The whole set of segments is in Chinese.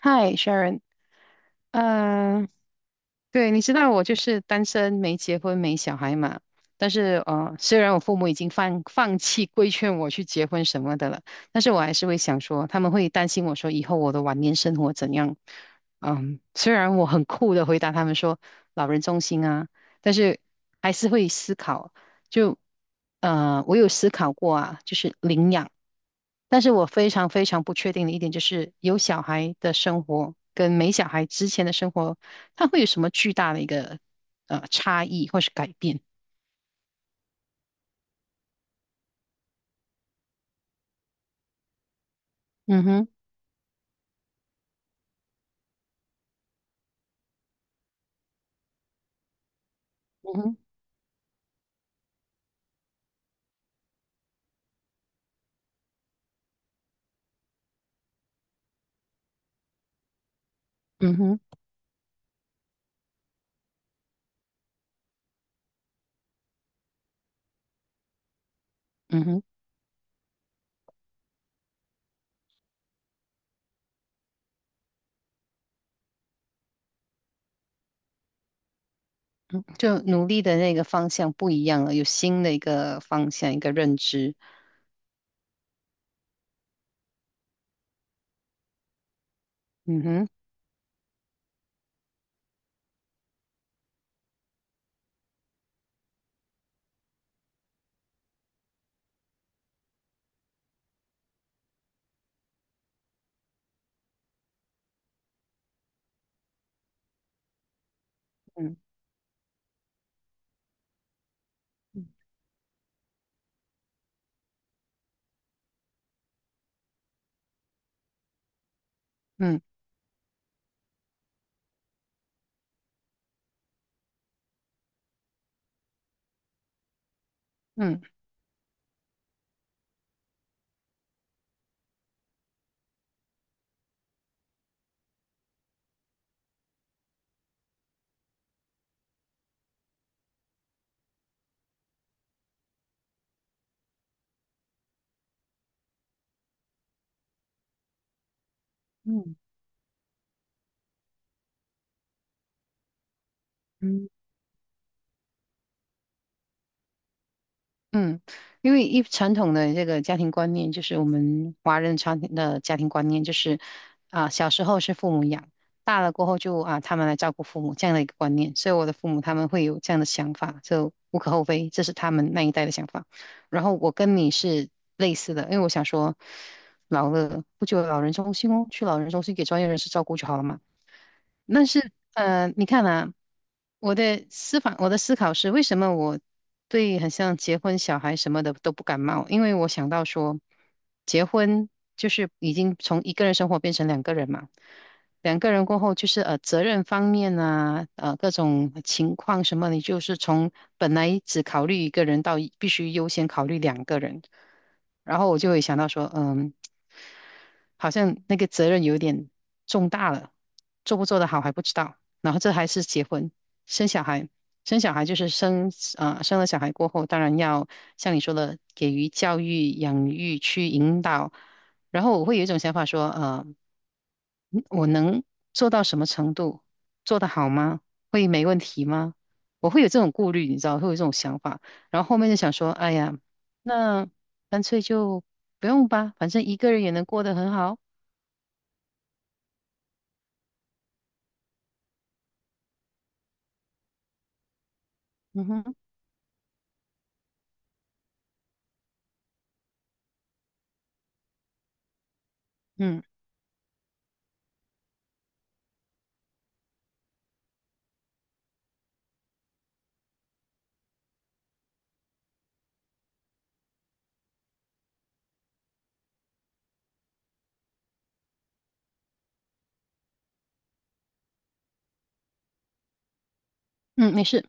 嗨，Sharon，嗯、呃对，你知道我就是单身，没结婚，没小孩嘛。但是，虽然我父母已经放弃规劝我去结婚什么的了，但是我还是会想说，他们会担心我说以后我的晚年生活怎样。虽然我很酷的回答他们说老人中心啊，但是还是会思考。就，我有思考过啊，就是领养。但是我非常非常不确定的一点就是，有小孩的生活跟没小孩之前的生活，它会有什么巨大的一个差异或是改变？嗯哼。嗯哼。嗯哼。嗯哼。就努力的那个方向不一样了，有新的一个方向，一个认知。嗯哼。嗯。嗯。嗯。嗯。嗯。嗯。嗯，因为一传统的这个家庭观念，就是我们华人传统的家庭观念，就是啊，小时候是父母养，大了过后就啊，他们来照顾父母这样的一个观念。所以我的父母他们会有这样的想法，就无可厚非，这是他们那一代的想法。然后我跟你是类似的，因为我想说，老了不久有老人中心哦，去老人中心给专业人士照顾就好了嘛。那是，你看啊，我的思考是，为什么我对很像结婚、小孩什么的都不感冒？因为我想到说，结婚就是已经从一个人生活变成两个人嘛，两个人过后就是责任方面啊，各种情况什么，你就是从本来只考虑一个人到必须优先考虑两个人，然后我就会想到说，好像那个责任有点重大了，做不做得好还不知道。然后这还是结婚、生小孩，生小孩就是生啊，生了小孩过后，当然要像你说的，给予教育、养育、去引导。然后我会有一种想法说，我能做到什么程度？做得好吗？会没问题吗？我会有这种顾虑，你知道，会有这种想法。然后后面就想说，哎呀，那干脆就不用吧，反正一个人也能过得很好。嗯哼。嗯嗯。没事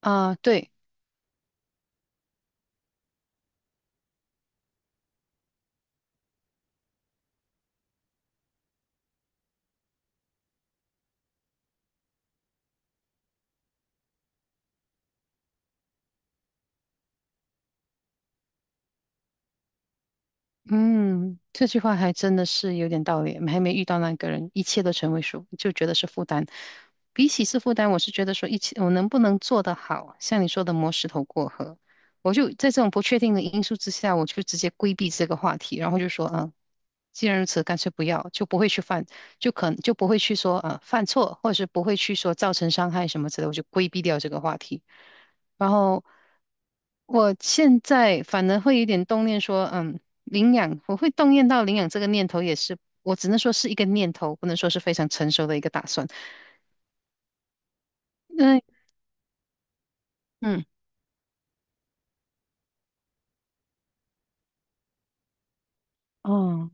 啊。对。嗯，这句话还真的是有点道理，还没遇到那个人，一切都成为数，就觉得是负担。比起是负担，我是觉得说一起，我能不能做得好，像你说的磨石头过河，我就在这种不确定的因素之下，我就直接规避这个话题，然后就说，嗯，既然如此，干脆不要，就不会去犯，就可能就不会去说，犯错，或者是不会去说造成伤害什么之类的，我就规避掉这个话题。然后我现在反而会有点动念说，嗯，领养，我会动念到领养这个念头，也是我只能说是一个念头，不能说是非常成熟的一个打算。嗯。嗯。哦。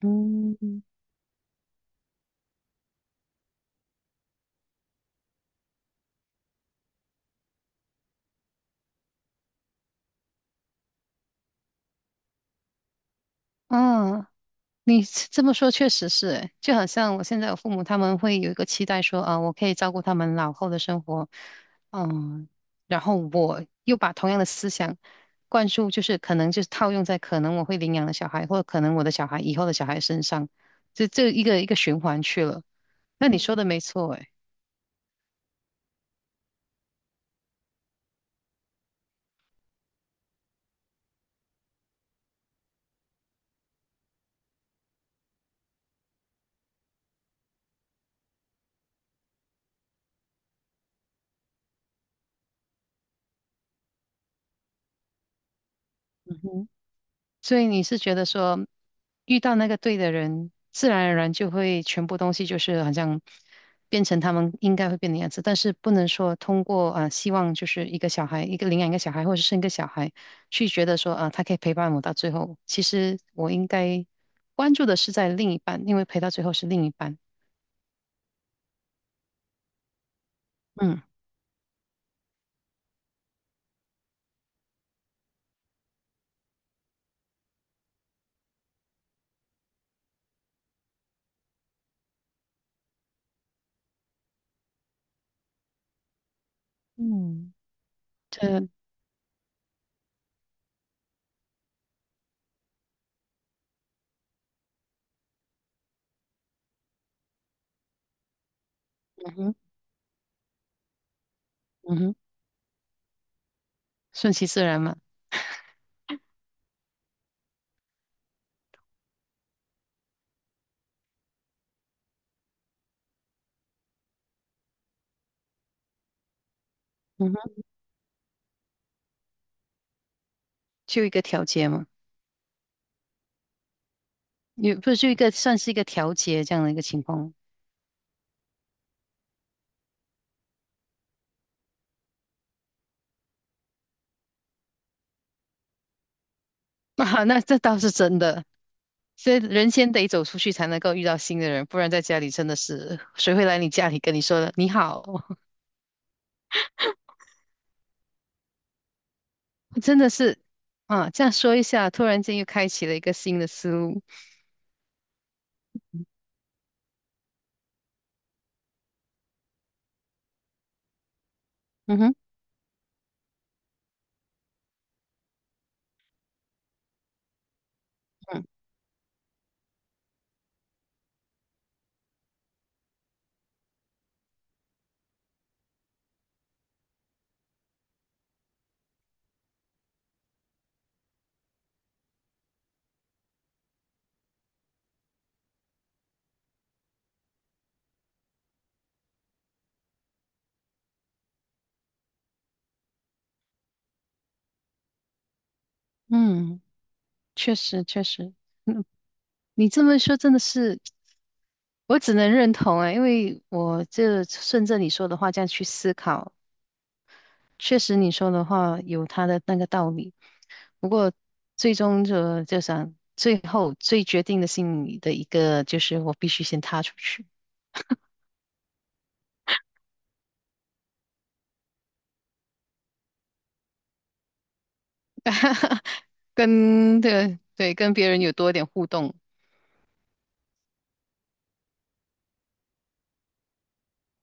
嗯。嗯，你这么说确实是诶，就好像我现在有父母，他们会有一个期待说，啊，我可以照顾他们老后的生活，嗯，然后我又把同样的思想灌输，就是可能就是套用在可能我会领养的小孩，或者可能我的小孩以后的小孩身上，这一个一个循环去了。那你说的没错，诶。所以你是觉得说，遇到那个对的人，自然而然就会全部东西就是好像变成他们应该会变的样子，但是不能说通过啊、希望就是一个小孩，一个领养一个小孩，或者是生一个小孩，去觉得说啊、他可以陪伴我到最后。其实我应该关注的是在另一半，因为陪到最后是另一半。嗯。嗯。这嗯哼嗯哼，顺其自然嘛。嗯哼。就一个调节嘛，也不是就一个算是一个调节这样的一个情况。啊，那这倒是真的，所以人先得走出去才能够遇到新的人，不然在家里真的是 谁会来你家里跟你说你好？真的是啊，这样说一下，突然间又开启了一个新的思路。嗯哼。嗯嗯。确实确实，你这么说真的是，我只能认同啊，因为我这顺着你说的话这样去思考，确实你说的话有他的那个道理。不过最终就想，最后最决定的心理的一个就是我必须先踏出去。对对，跟别人有多点互动，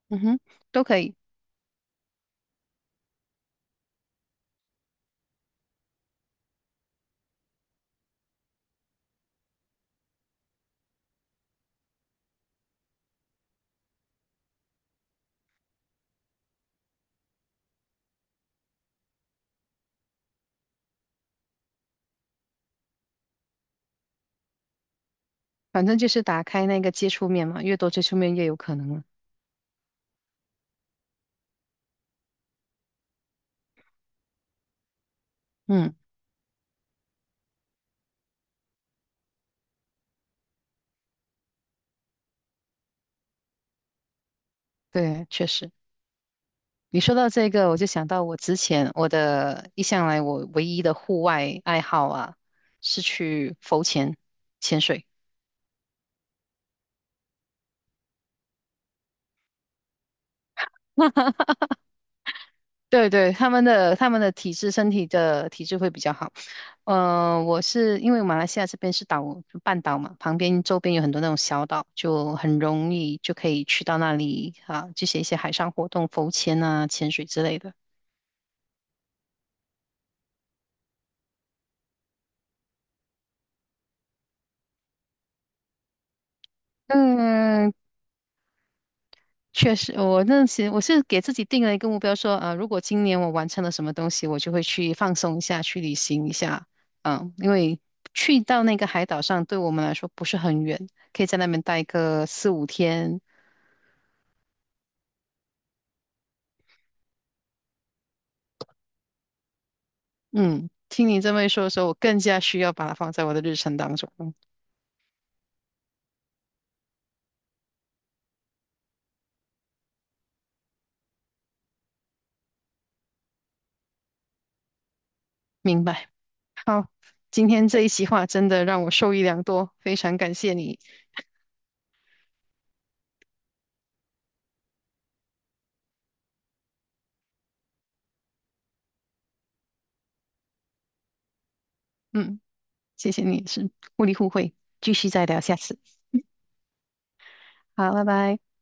嗯哼，都可以，反正就是打开那个接触面嘛，越多接触面越有可能了。嗯。对。确实。你说到这个，我就想到我之前我的一向来我唯一的户外爱好啊，是去浮潜、潜水。对对，他们的体质，身体的体质会比较好。我是因为马来西亚这边是岛，就半岛嘛，旁边周边有很多那种小岛，就很容易就可以去到那里啊，这些一些海上活动，浮潜啊、潜水之类的。嗯，确实，我那时是给自己定了一个目标说，如果今年我完成了什么东西，我就会去放松一下，去旅行一下。因为去到那个海岛上，对我们来说不是很远，可以在那边待个四五天。嗯，听你这么一说的时候，我更加需要把它放在我的日程当中。嗯明白。好，今天这一席话真的让我受益良多，非常感谢你。嗯，谢谢你是互利互惠，继续再聊下次。好，拜拜。